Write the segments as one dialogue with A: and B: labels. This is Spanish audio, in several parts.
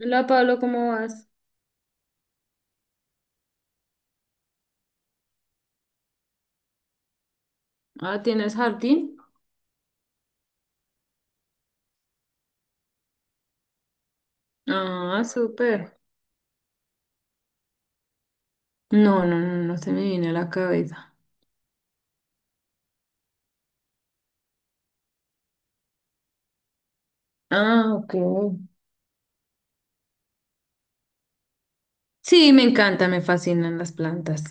A: Hola Pablo, ¿cómo vas? Ah, ¿tienes jardín? Ah, súper. No, no, no, no se me viene a la cabeza. Ah, ok. Sí, me encanta, me fascinan las plantas.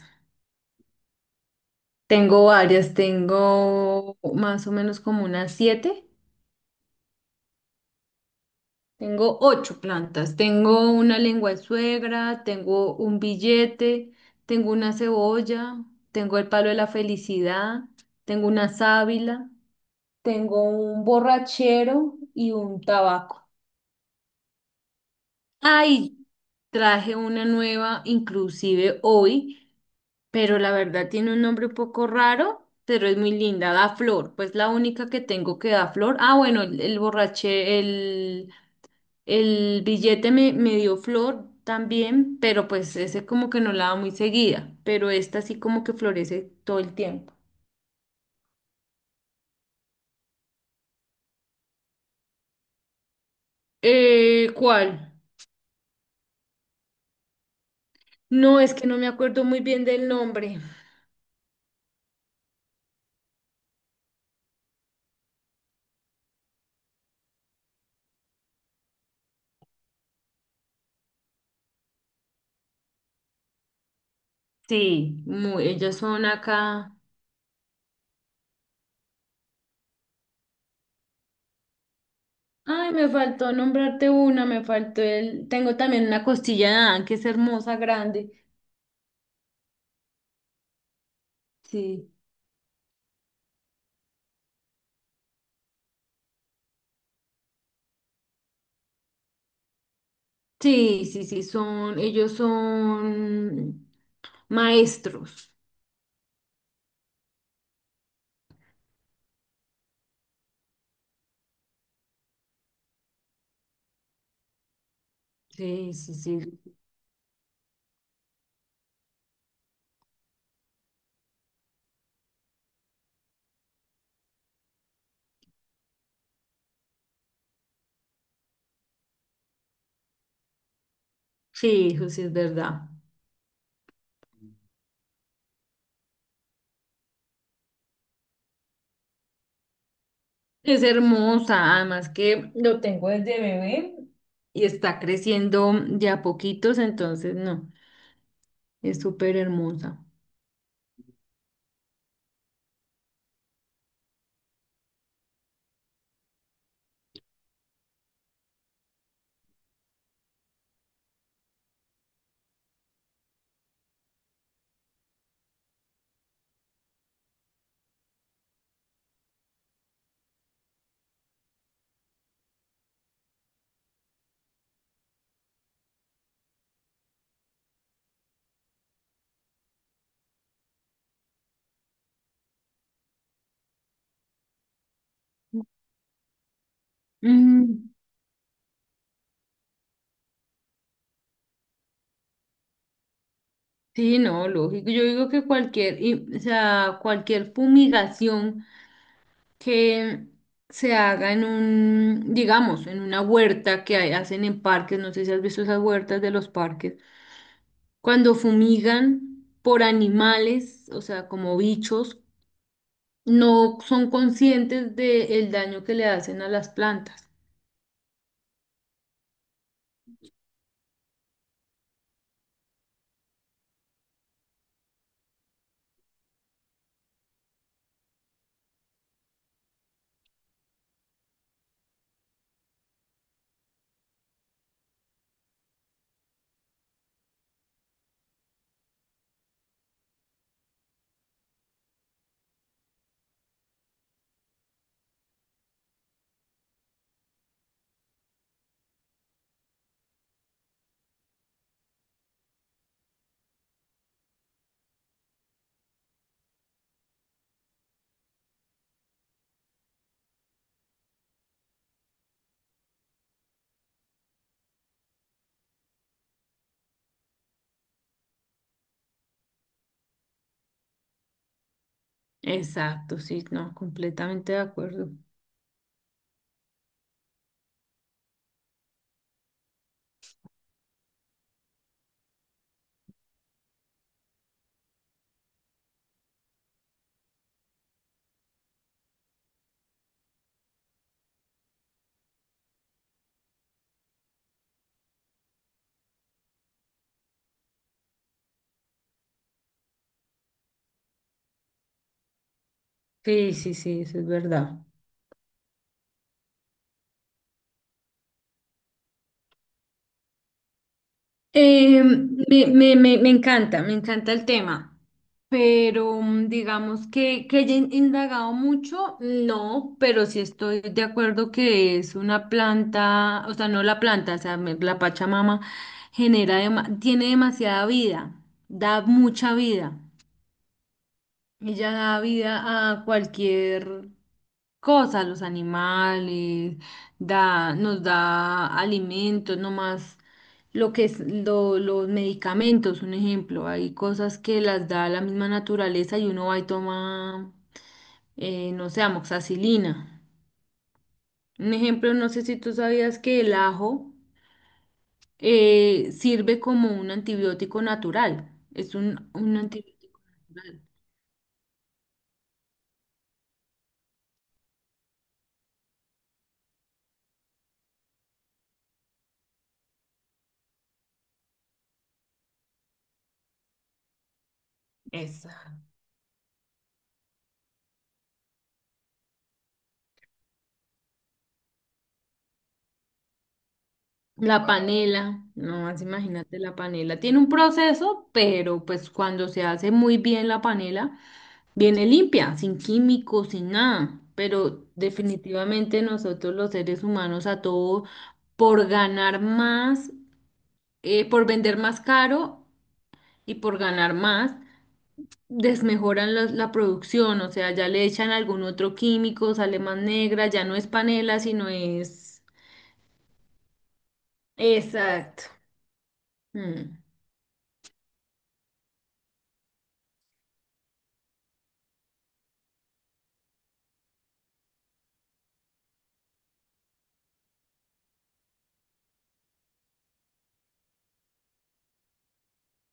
A: Tengo varias, tengo más o menos como unas siete. Tengo ocho plantas. Tengo una lengua de suegra, tengo un billete, tengo una cebolla, tengo el palo de la felicidad, tengo una sábila, tengo un borrachero y un tabaco. Ay, traje una nueva, inclusive hoy, pero la verdad tiene un nombre un poco raro, pero es muy linda, da flor, pues la única que tengo que da flor. Ah, bueno, el billete me dio flor también, pero pues ese como que no la da muy seguida, pero esta sí como que florece todo el tiempo. ¿Cuál? No, es que no me acuerdo muy bien del nombre. Sí, muy, ellas son acá. Ay, me faltó nombrarte una, me faltó el. Tengo también una costilla de Adán, que es hermosa, grande. Sí. Sí, sí, sí, ellos son maestros. Sí, sí, sí. Sí, eso sí es verdad. Es hermosa, además que lo tengo desde bebé y está creciendo ya poquitos, entonces no, es súper hermosa. Mm, sí, no, lógico. Yo digo que cualquier, o sea, cualquier fumigación. Que se haga en digamos, en una huerta que hacen en parques, no sé si has visto esas huertas de los parques, cuando fumigan por animales, o sea, como bichos, no son conscientes del daño que le hacen a las plantas. Exacto, sí, no, completamente de acuerdo. Sí, sí, sí, eso es verdad. Me encanta el tema, pero digamos que haya indagado mucho, no, pero sí estoy de acuerdo que es una planta, o sea, no la planta, o sea, la Pachamama genera, tiene demasiada vida, da mucha vida. Ella da vida a cualquier cosa, los animales, nos da alimentos, no más lo que es los medicamentos, un ejemplo. Hay cosas que las da la misma naturaleza y uno va y toma, no sé, amoxicilina. Un ejemplo, no sé si tú sabías que el ajo sirve como un antibiótico natural. Es un antibiótico natural. Eso. La panela, no más imagínate la panela. Tiene un proceso, pero pues cuando se hace muy bien la panela, viene limpia, sin químicos, sin nada. Pero definitivamente nosotros los seres humanos a todo por ganar más, por vender más caro y por ganar más, desmejoran la producción. O sea, ya le echan algún otro químico, sale más negra, ya no es panela, sino es. Exacto. Mm,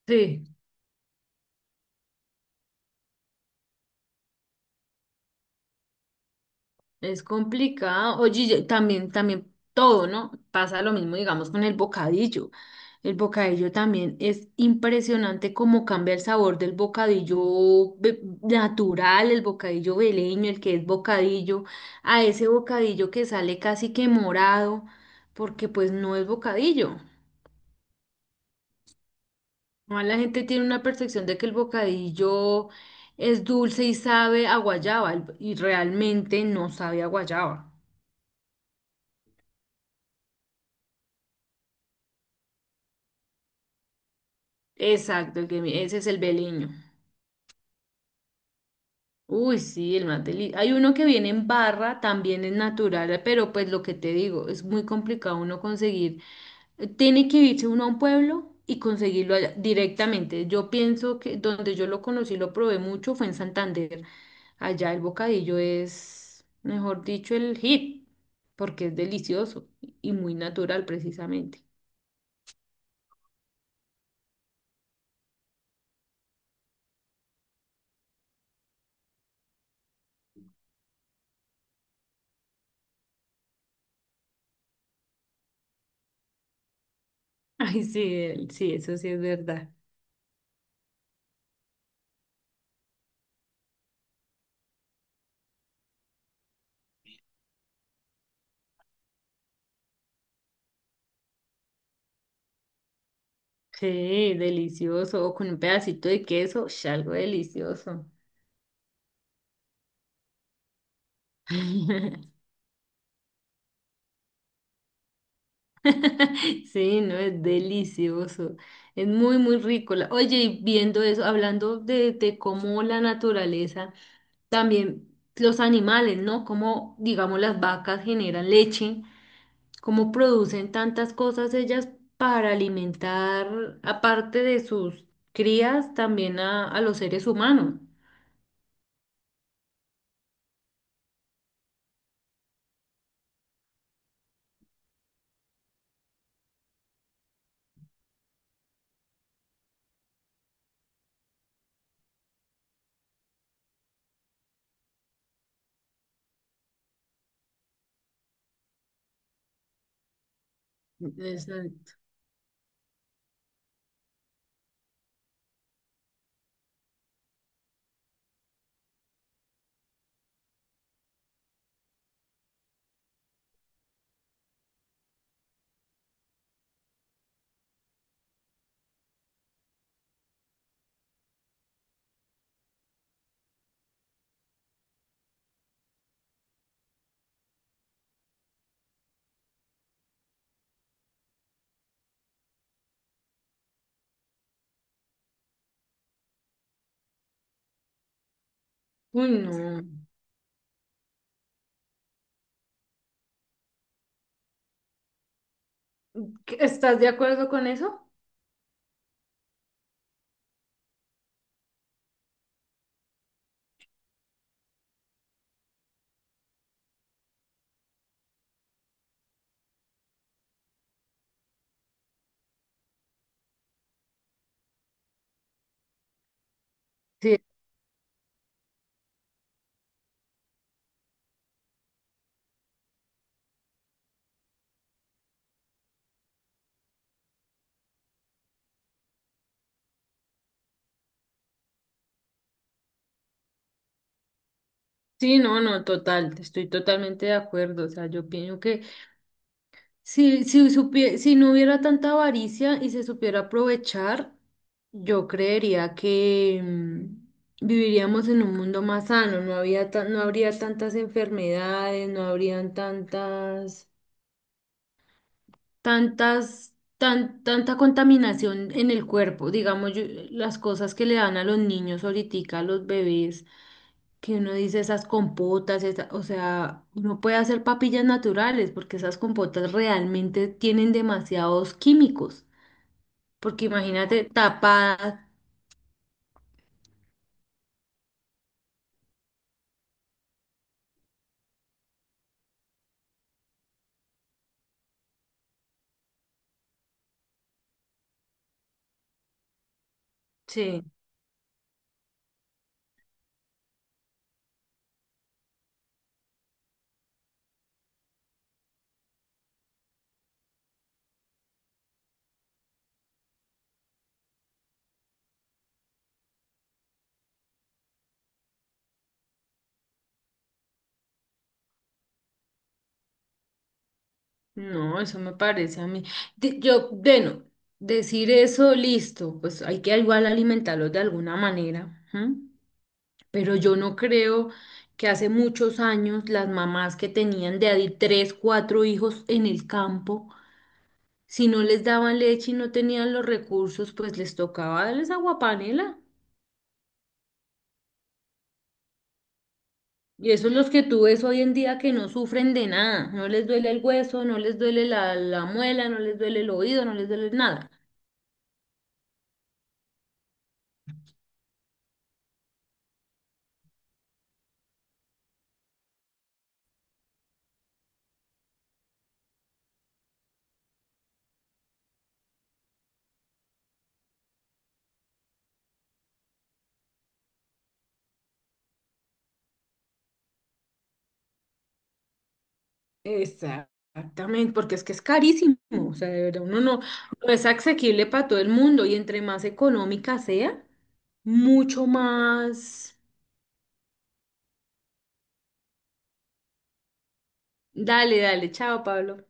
A: sí. Es complicado. Oye, y también, también todo, ¿no? Pasa lo mismo, digamos, con el bocadillo. El bocadillo también es impresionante cómo cambia el sabor del bocadillo natural, el bocadillo veleño, el que es bocadillo, a ese bocadillo que sale casi que morado, porque pues no es bocadillo. Además, la gente tiene una percepción de que el bocadillo es dulce y sabe a guayaba, y realmente no sabe a guayaba. Exacto, el que ese es el beleño. Uy, sí, hay uno que viene en barra, también es natural, pero pues lo que te digo, es muy complicado uno conseguir. Tiene que irse uno a un pueblo y conseguirlo allá directamente. Yo pienso que donde yo lo conocí, lo probé mucho, fue en Santander. Allá el bocadillo es, mejor dicho, el hit, porque es delicioso y muy natural precisamente. Ay, sí, sí, eso sí es verdad. Sí, delicioso. O con un pedacito de queso, ush, algo delicioso. Sí, no, es delicioso. Es muy, muy rico. Oye, y viendo eso, hablando de cómo la naturaleza, también los animales, ¿no? Cómo, digamos, las vacas generan leche, cómo producen tantas cosas ellas para alimentar, aparte de sus crías, también a los seres humanos. Exacto. Uy, no. ¿Estás de acuerdo con eso? Sí, sí, no, no, total, estoy totalmente de acuerdo. O sea, yo pienso que si no hubiera tanta avaricia y se supiera aprovechar, yo creería que viviríamos en un mundo más sano, no habría tantas enfermedades, no habrían tanta contaminación en el cuerpo. Digamos, las cosas que le dan a los niños ahorita, a los bebés que uno dice esas compotas, o sea, uno puede hacer papillas naturales porque esas compotas realmente tienen demasiados químicos, porque imagínate tapadas. Sí, no, eso me parece a mí. Yo, bueno, decir eso, listo, pues hay que igual alimentarlos de alguna manera, ¿m? Pero yo no creo que hace muchos años las mamás que tenían de a tres, cuatro hijos en el campo, si no les daban leche y no tenían los recursos, pues les tocaba darles aguapanela. Y esos los que tú ves hoy en día que no sufren de nada. No les duele el hueso, no les duele la muela, no les duele el oído, no les duele nada. Exactamente, porque es que es carísimo. O sea, de verdad, uno no es asequible para todo el mundo. Y entre más económica sea, mucho más. Dale, dale, chao, Pablo.